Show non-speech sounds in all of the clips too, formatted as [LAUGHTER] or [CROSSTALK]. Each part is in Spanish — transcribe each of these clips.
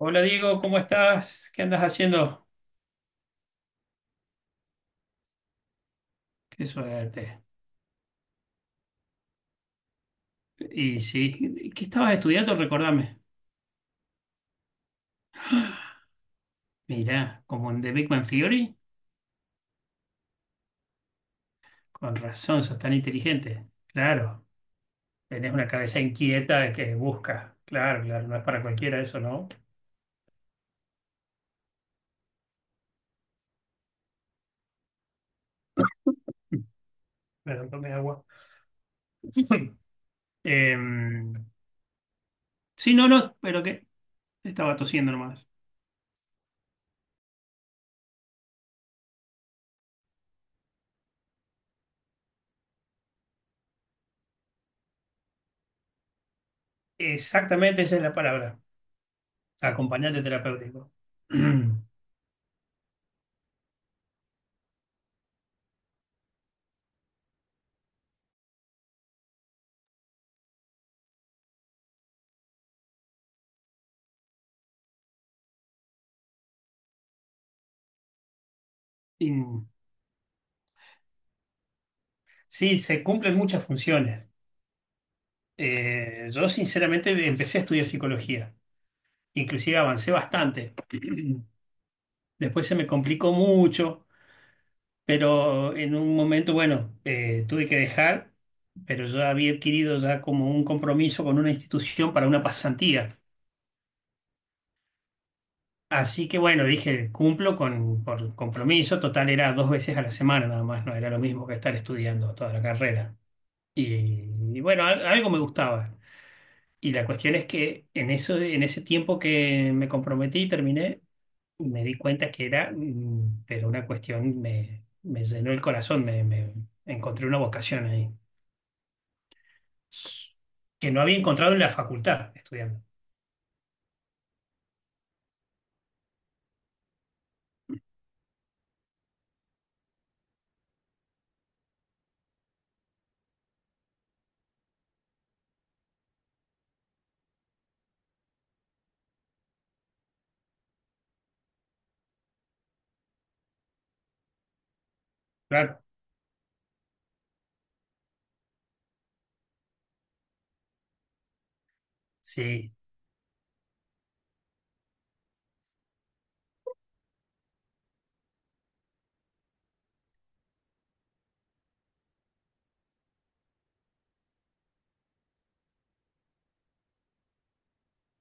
Hola Diego, ¿cómo estás? ¿Qué andas haciendo? Qué suerte. Y sí, ¿qué estabas estudiando? Recordame. Mirá, como en The Big Bang Theory, con razón, sos tan inteligente. Claro, tenés una cabeza inquieta que busca. Claro, claro, no es para cualquiera eso, ¿no? [LAUGHS] Perdón, tomé agua. [LAUGHS] Em, sí, no, no, pero que estaba tosiendo nomás. Exactamente esa es la palabra, acompañante terapéutico. [CLEARS THROAT] Y, sí, se cumplen muchas funciones. Yo sinceramente empecé a estudiar psicología, inclusive avancé bastante. [CLEARS THROAT] Después se me complicó mucho, pero en un momento, bueno, tuve que dejar, pero yo había adquirido ya como un compromiso con una institución para una pasantía. Así que bueno, dije, cumplo con por compromiso, total era dos veces a la semana nada más, no era lo mismo que estar estudiando toda la carrera. Y, y bueno, algo me gustaba. Y la cuestión es que en eso, en ese tiempo que me comprometí y terminé, me di cuenta que era, pero una cuestión me llenó el corazón, me encontré una vocación ahí, que no había encontrado en la facultad estudiando. Claro. Sí.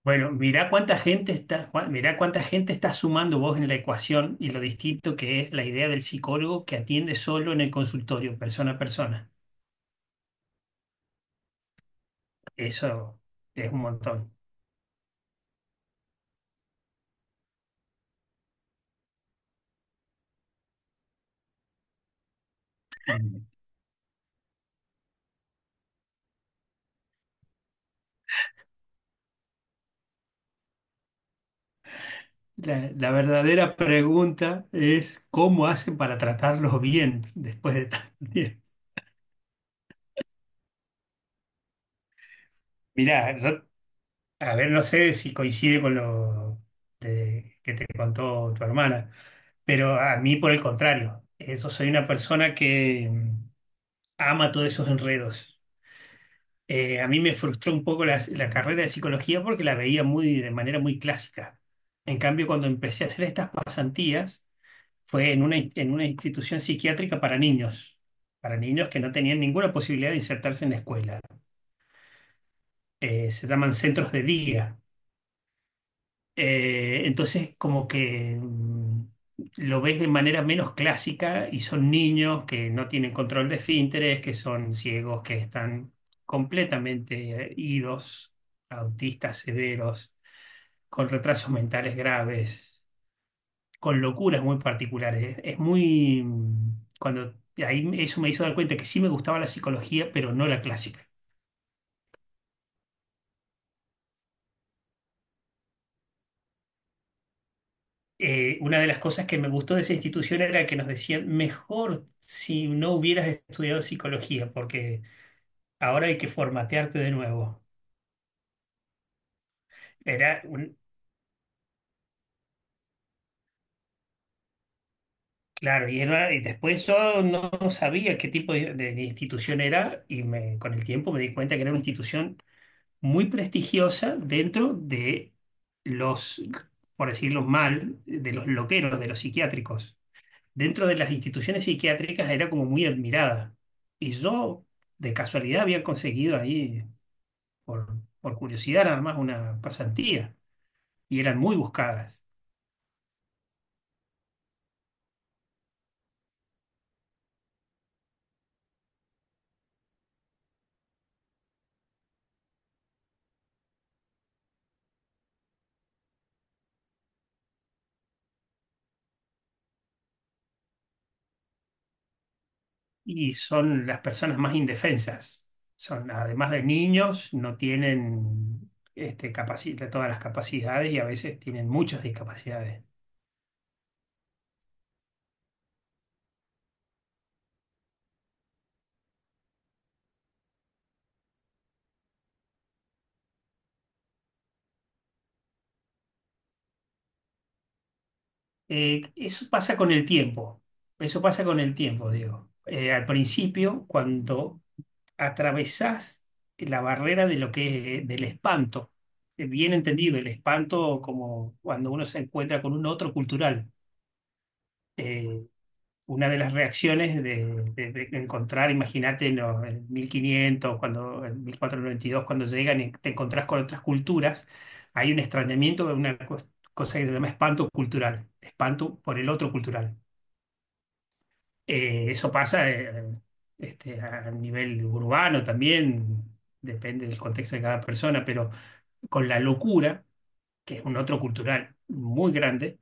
Bueno, mirá cuánta gente está, Juan, mirá cuánta gente está sumando vos en la ecuación y lo distinto que es la idea del psicólogo que atiende solo en el consultorio, persona a persona. Eso es un montón. La verdadera pregunta es cómo hacen para tratarlos bien después de tanto tiempo. Mirá, yo, a ver, no sé si coincide con lo que te contó tu hermana, pero a mí por el contrario, eso soy una persona que ama todos esos enredos. A mí me frustró un poco la carrera de psicología porque la veía muy, de manera muy clásica. En cambio, cuando empecé a hacer estas pasantías, fue en en una institución psiquiátrica para niños que no tenían ninguna posibilidad de insertarse en la escuela. Se llaman centros de día. Entonces, como que lo ves de manera menos clásica y son niños que no tienen control de esfínteres, que son ciegos, que están completamente idos, autistas severos, con retrasos mentales graves, con locuras muy particulares. Es muy... mm, Cuando Ahí eso me hizo dar cuenta que sí me gustaba la psicología, pero no la clásica. Una de las cosas que me gustó de esa institución era que nos decían, mejor si no hubieras estudiado psicología, porque ahora hay que formatearte de nuevo. Era un- Claro, y, y después yo no sabía qué tipo de institución era y me, con el tiempo me di cuenta que era una institución muy prestigiosa dentro de los, por decirlo mal, de los loqueros, de los psiquiátricos. Dentro de las instituciones psiquiátricas era como muy admirada. Y yo, de casualidad, había conseguido ahí, por curiosidad nada más, una pasantía. Y eran muy buscadas. Y son las personas más indefensas. Son, además de niños, no tienen este, todas las capacidades y a veces tienen muchas discapacidades. Eso pasa con el tiempo, eso pasa con el tiempo, digo. Al principio, cuando atravesás la barrera de lo del espanto, bien entendido, el espanto como cuando uno se encuentra con un otro cultural. Eh, una de las reacciones de encontrar, imagínate, en 1500, cuando, en 1492, cuando llegan y te encontrás con otras culturas, hay un extrañamiento, una cosa que se llama espanto cultural, espanto por el otro cultural. Eso pasa a nivel urbano también, depende del contexto de cada persona, pero con la locura, que es un otro cultural muy grande,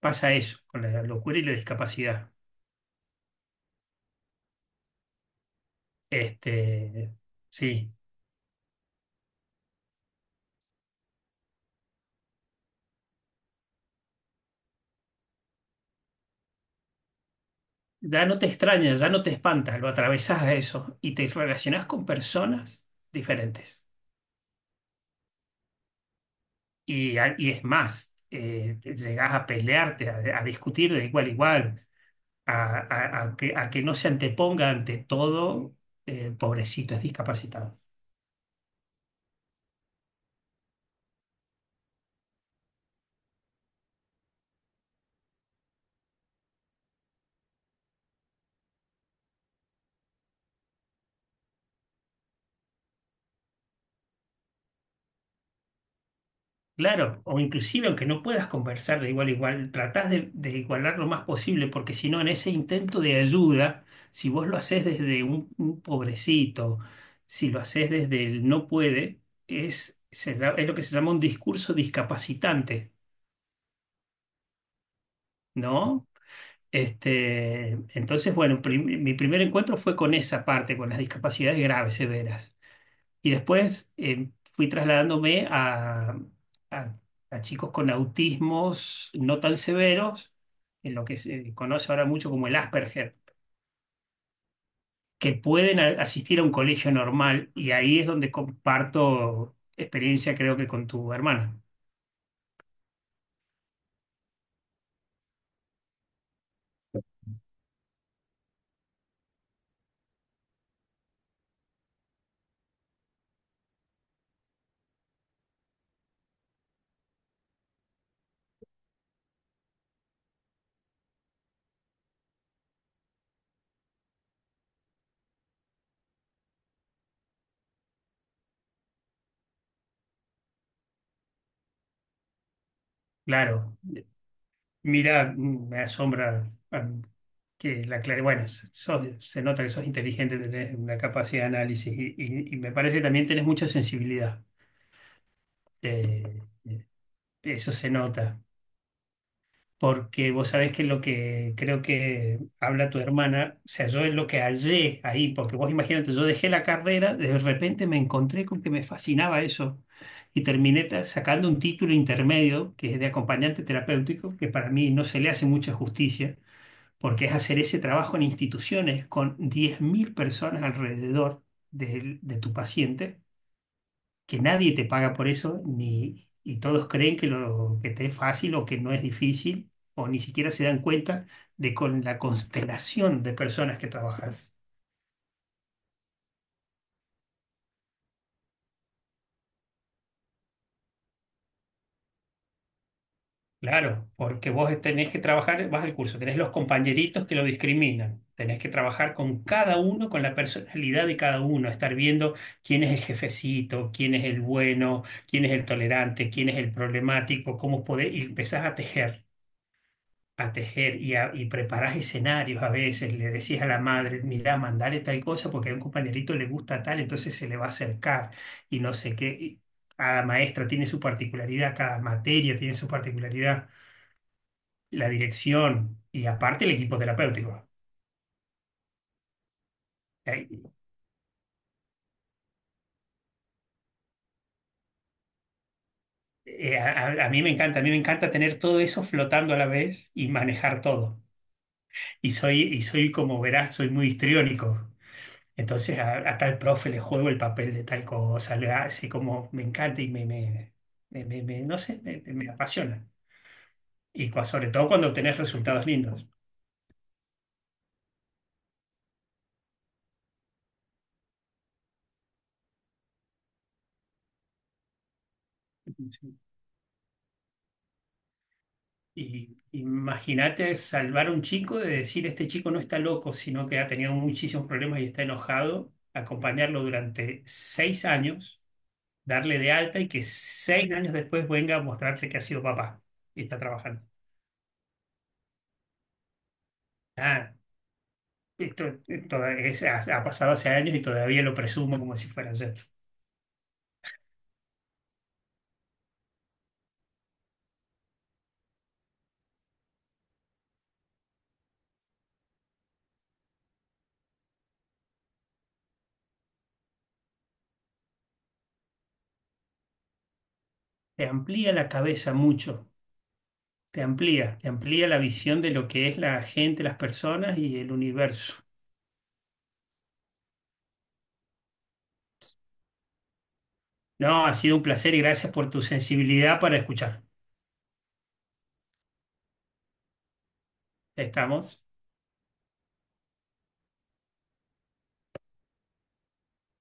pasa eso, con la locura y la discapacidad. Este, sí, ya no te extrañas, ya no te espantas, lo atravesás a eso y te relacionás con personas diferentes. Y, y es más, llegás a pelearte, a discutir de igual a igual, a que no se anteponga ante todo, pobrecito, es discapacitado. Claro, o inclusive aunque no puedas conversar de igual a igual, tratás de igualar lo más posible, porque si no, en ese intento de ayuda, si vos lo haces desde un pobrecito, si lo haces desde el no puede, es lo que se llama un discurso discapacitante, ¿no? Entonces, bueno, mi primer encuentro fue con esa parte, con las discapacidades graves, severas. Y después fui trasladándome a- a chicos con autismos no tan severos, en lo que se conoce ahora mucho como el Asperger, que pueden asistir a un colegio normal y ahí es donde comparto experiencia, creo que con tu hermana. Claro, mira, me asombra que la claridad, bueno, se nota que sos inteligente, tenés una capacidad de análisis y me parece que también tenés mucha sensibilidad. Eh, Eso se nota, porque vos sabés que lo que creo que habla tu hermana, o sea, yo es lo que hallé ahí, porque vos imagínate, yo dejé la carrera, de repente me encontré con que me fascinaba eso y terminé sacando un título intermedio que es de acompañante terapéutico, que para mí no se le hace mucha justicia, porque es hacer ese trabajo en instituciones con 10.000 personas alrededor de tu paciente que nadie te paga por eso, ni, y todos creen que, lo, que te es fácil o que no es difícil, o ni siquiera se dan cuenta de con la constelación de personas que trabajas. Claro, porque vos tenés que trabajar, vas al curso, tenés los compañeritos que lo discriminan, tenés que trabajar con cada uno, con la personalidad de cada uno, estar viendo quién es el jefecito, quién es el bueno, quién es el tolerante, quién es el problemático, cómo podés, y empezás a tejer, a tejer y, y preparás escenarios a veces, le decís a la madre, mirá, mandale tal cosa porque a un compañerito le gusta tal, entonces se le va a acercar y no sé qué. Y cada maestra tiene su particularidad, cada materia tiene su particularidad, la dirección y aparte el equipo terapéutico. Eh, a mí me encanta, a mí me encanta tener todo eso flotando a la vez y manejar todo. Y soy como verás, soy muy histriónico. Entonces a tal profe le juego el papel de tal cosa, le así como me encanta y no sé, me apasiona. Y sobre todo cuando obtenés resultados lindos. Y imagínate salvar a un chico de decir, este chico no está loco, sino que ha tenido muchísimos problemas y está enojado, acompañarlo durante 6 años, darle de alta y que 6 años después venga a mostrarte que ha sido papá y está trabajando. Ah, Esto, ha pasado hace años y todavía lo presumo como si fuera ayer. Te amplía la cabeza mucho, te amplía la visión de lo que es la gente, las personas y el universo. No, ha sido un placer y gracias por tu sensibilidad para escuchar. Estamos.